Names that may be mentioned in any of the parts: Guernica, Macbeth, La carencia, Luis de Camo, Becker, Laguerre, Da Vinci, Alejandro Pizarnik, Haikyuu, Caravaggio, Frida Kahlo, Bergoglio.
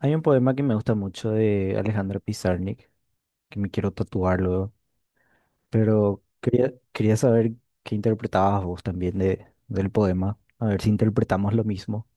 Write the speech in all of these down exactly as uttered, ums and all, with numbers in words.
Hay un poema que me gusta mucho de Alejandro Pizarnik, que me quiero tatuar luego, pero quería, quería saber qué interpretabas vos también de, del poema, a ver si interpretamos lo mismo.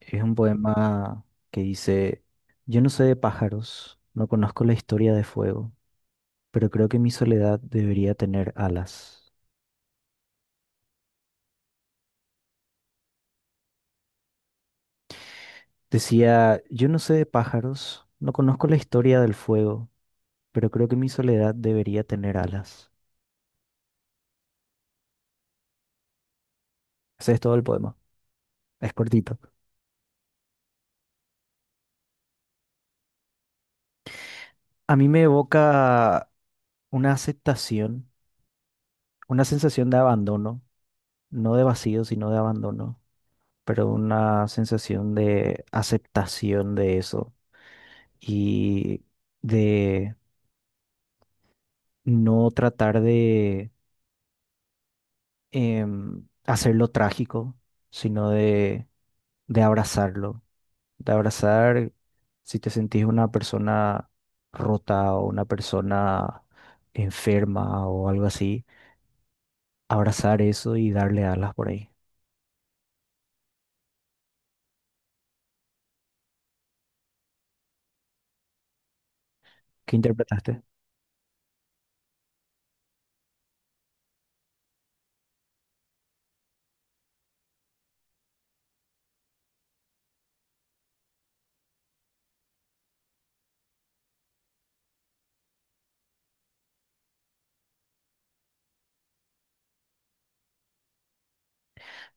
Es un poema que dice, yo no sé de pájaros, no conozco la historia de fuego, pero creo que mi soledad debería tener alas. Decía, yo no sé de pájaros, no conozco la historia del fuego, pero creo que mi soledad debería tener alas. Ese es todo el poema, es cortito. A mí me evoca una aceptación, una sensación de abandono, no de vacío, sino de abandono, pero una sensación de aceptación de eso y de no tratar de em, hacerlo trágico, sino de, de abrazarlo, de abrazar si te sentís una persona rota o una persona enferma o algo así, abrazar eso y darle alas por ahí. ¿Qué interpretaste?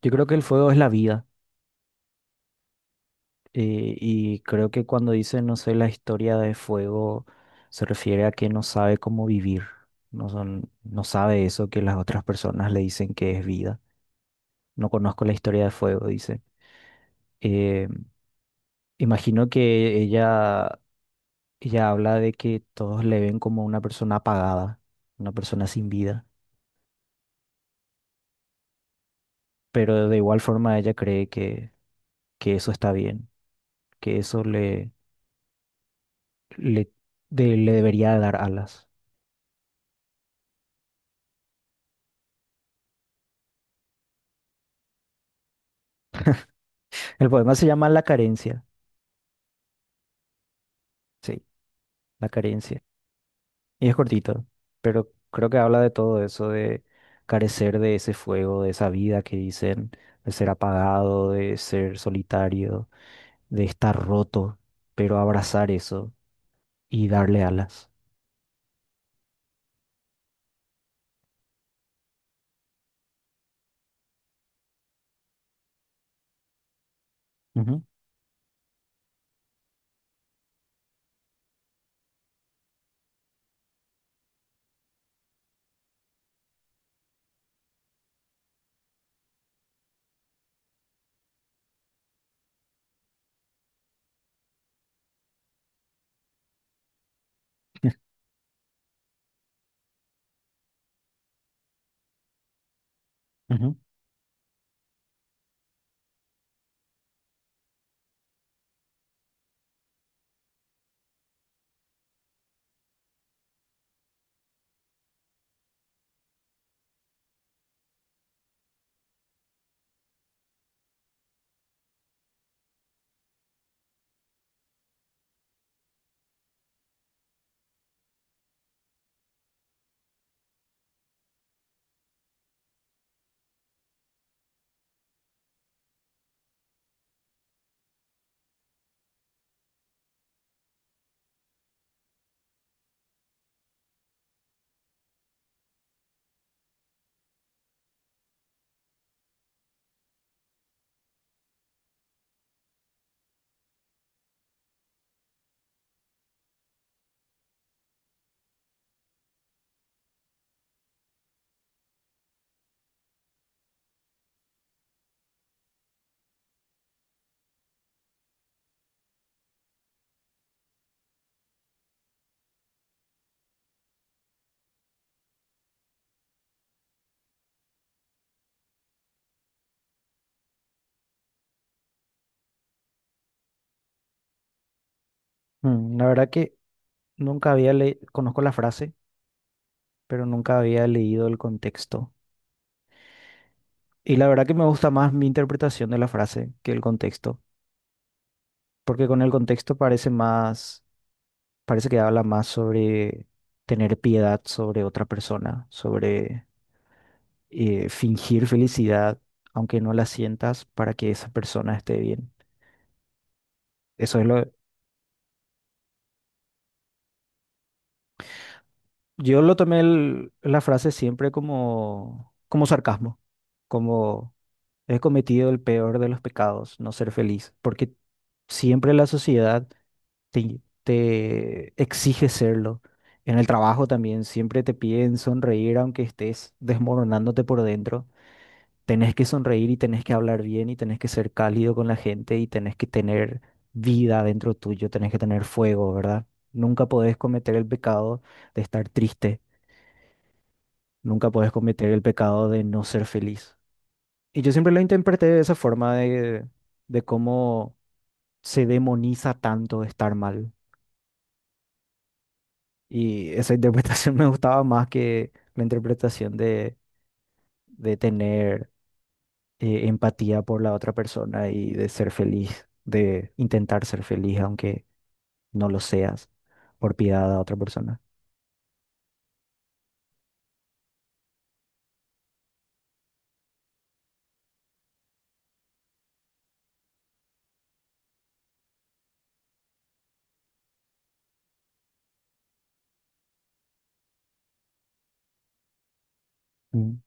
Yo creo que el fuego es la vida eh, y creo que cuando dice no sé la historia de fuego se refiere a que no sabe cómo vivir, no, son, no sabe eso que las otras personas le dicen que es vida. No conozco la historia de fuego, dice. Eh, Imagino que ella, ella habla de que todos le ven como una persona apagada, una persona sin vida, pero de igual forma ella cree que, que eso está bien, que eso le, le, de- le debería dar alas. El poema se llama La carencia, sí, La carencia. Y es cortito, pero creo que habla de todo eso, de carecer de ese fuego, de esa vida que dicen, de ser apagado, de ser solitario, de estar roto, pero abrazar eso y darle alas. Ujú, ujú. Mm, la verdad que nunca había leído, conozco la frase, pero nunca había leído el contexto. Y la verdad que me gusta más mi interpretación de la frase que el contexto, porque con el contexto parece más... Parece que habla más sobre tener piedad sobre otra persona, sobre eh, fingir felicidad, aunque no la sientas, para que esa persona esté bien. Eso es lo... Yo lo tomé el- la frase siempre como, como sarcasmo, como he cometido el peor de los pecados, no ser feliz, porque siempre la sociedad te, te exige serlo. En el trabajo también siempre te piden sonreír aunque estés desmoronándote por dentro. Tenés que sonreír y tenés que hablar bien y tenés que ser cálido con la gente y tenés que tener vida dentro tuyo, tenés que tener fuego, ¿verdad? Nunca podés cometer el pecado de estar triste, nunca podés cometer el pecado de no ser feliz. Y yo siempre lo interpreté de esa forma de, de cómo se demoniza tanto estar mal. Y esa interpretación me gustaba más que la interpretación de, de tener eh, empatía por la otra persona y de ser feliz, de intentar ser feliz aunque no lo seas, por piedad a otra persona. Mm,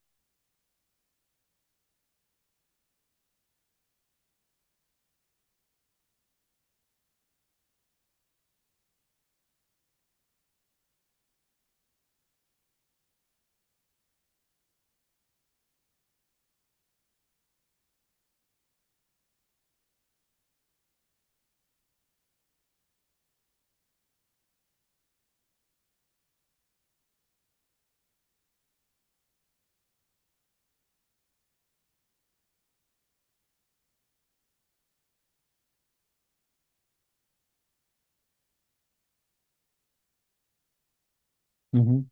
ujú,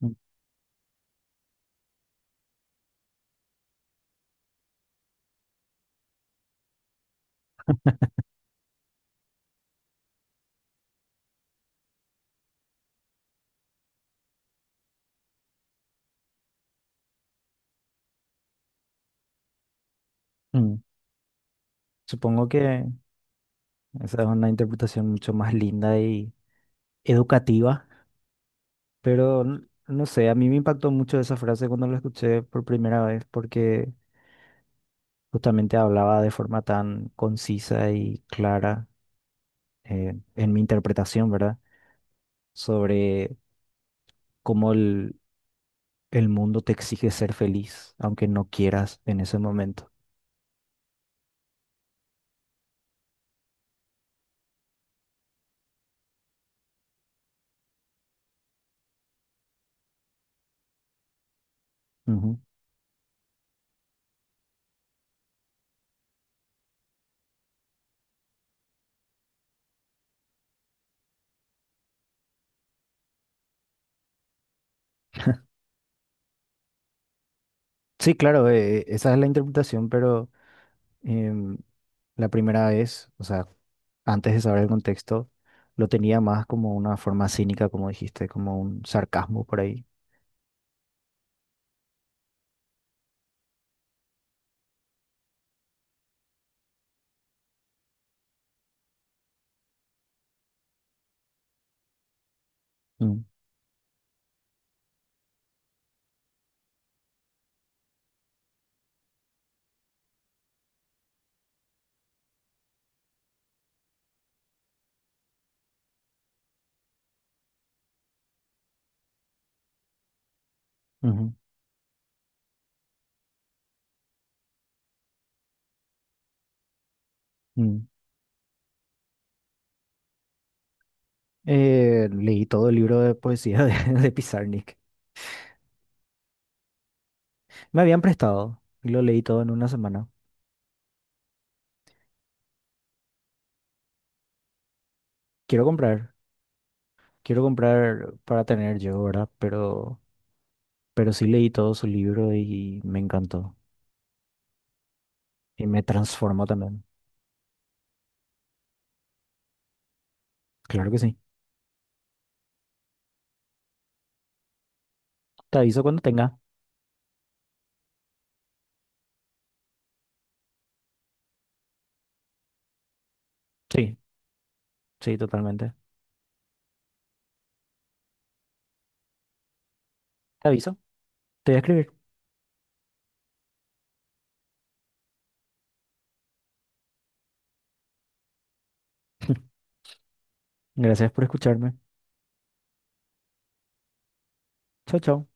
mm, mm. Supongo que esa es una interpretación mucho más linda y educativa, pero n- no sé, a mí me impactó mucho esa frase cuando la escuché por primera vez porque justamente hablaba de forma tan concisa y clara eh, en mi interpretación, ¿verdad? Sobre cómo el mundo te exige ser feliz, aunque no quieras en ese momento. Ujú. Sí, claro, eh, esa es la interpretación, pero em, la primera vez, o sea, antes de saber el contexto, lo tenía más como una forma cínica, como dijiste, como un sarcasmo por ahí. Mm, ujú, mm. Eh, leí todo el libro de poesía de, de Pizarnik. Me habían prestado y lo leí todo en una semana. Quiero comprar, quiero comprar para tener yo, ¿verdad? Pero... Pero sí leí todo su libro y me encantó. Y me transformó también. Claro que sí. Te aviso cuando tenga. Sí, sí, totalmente. Te aviso. Te voy a escribir. Gracias por escucharme. Chao, chao.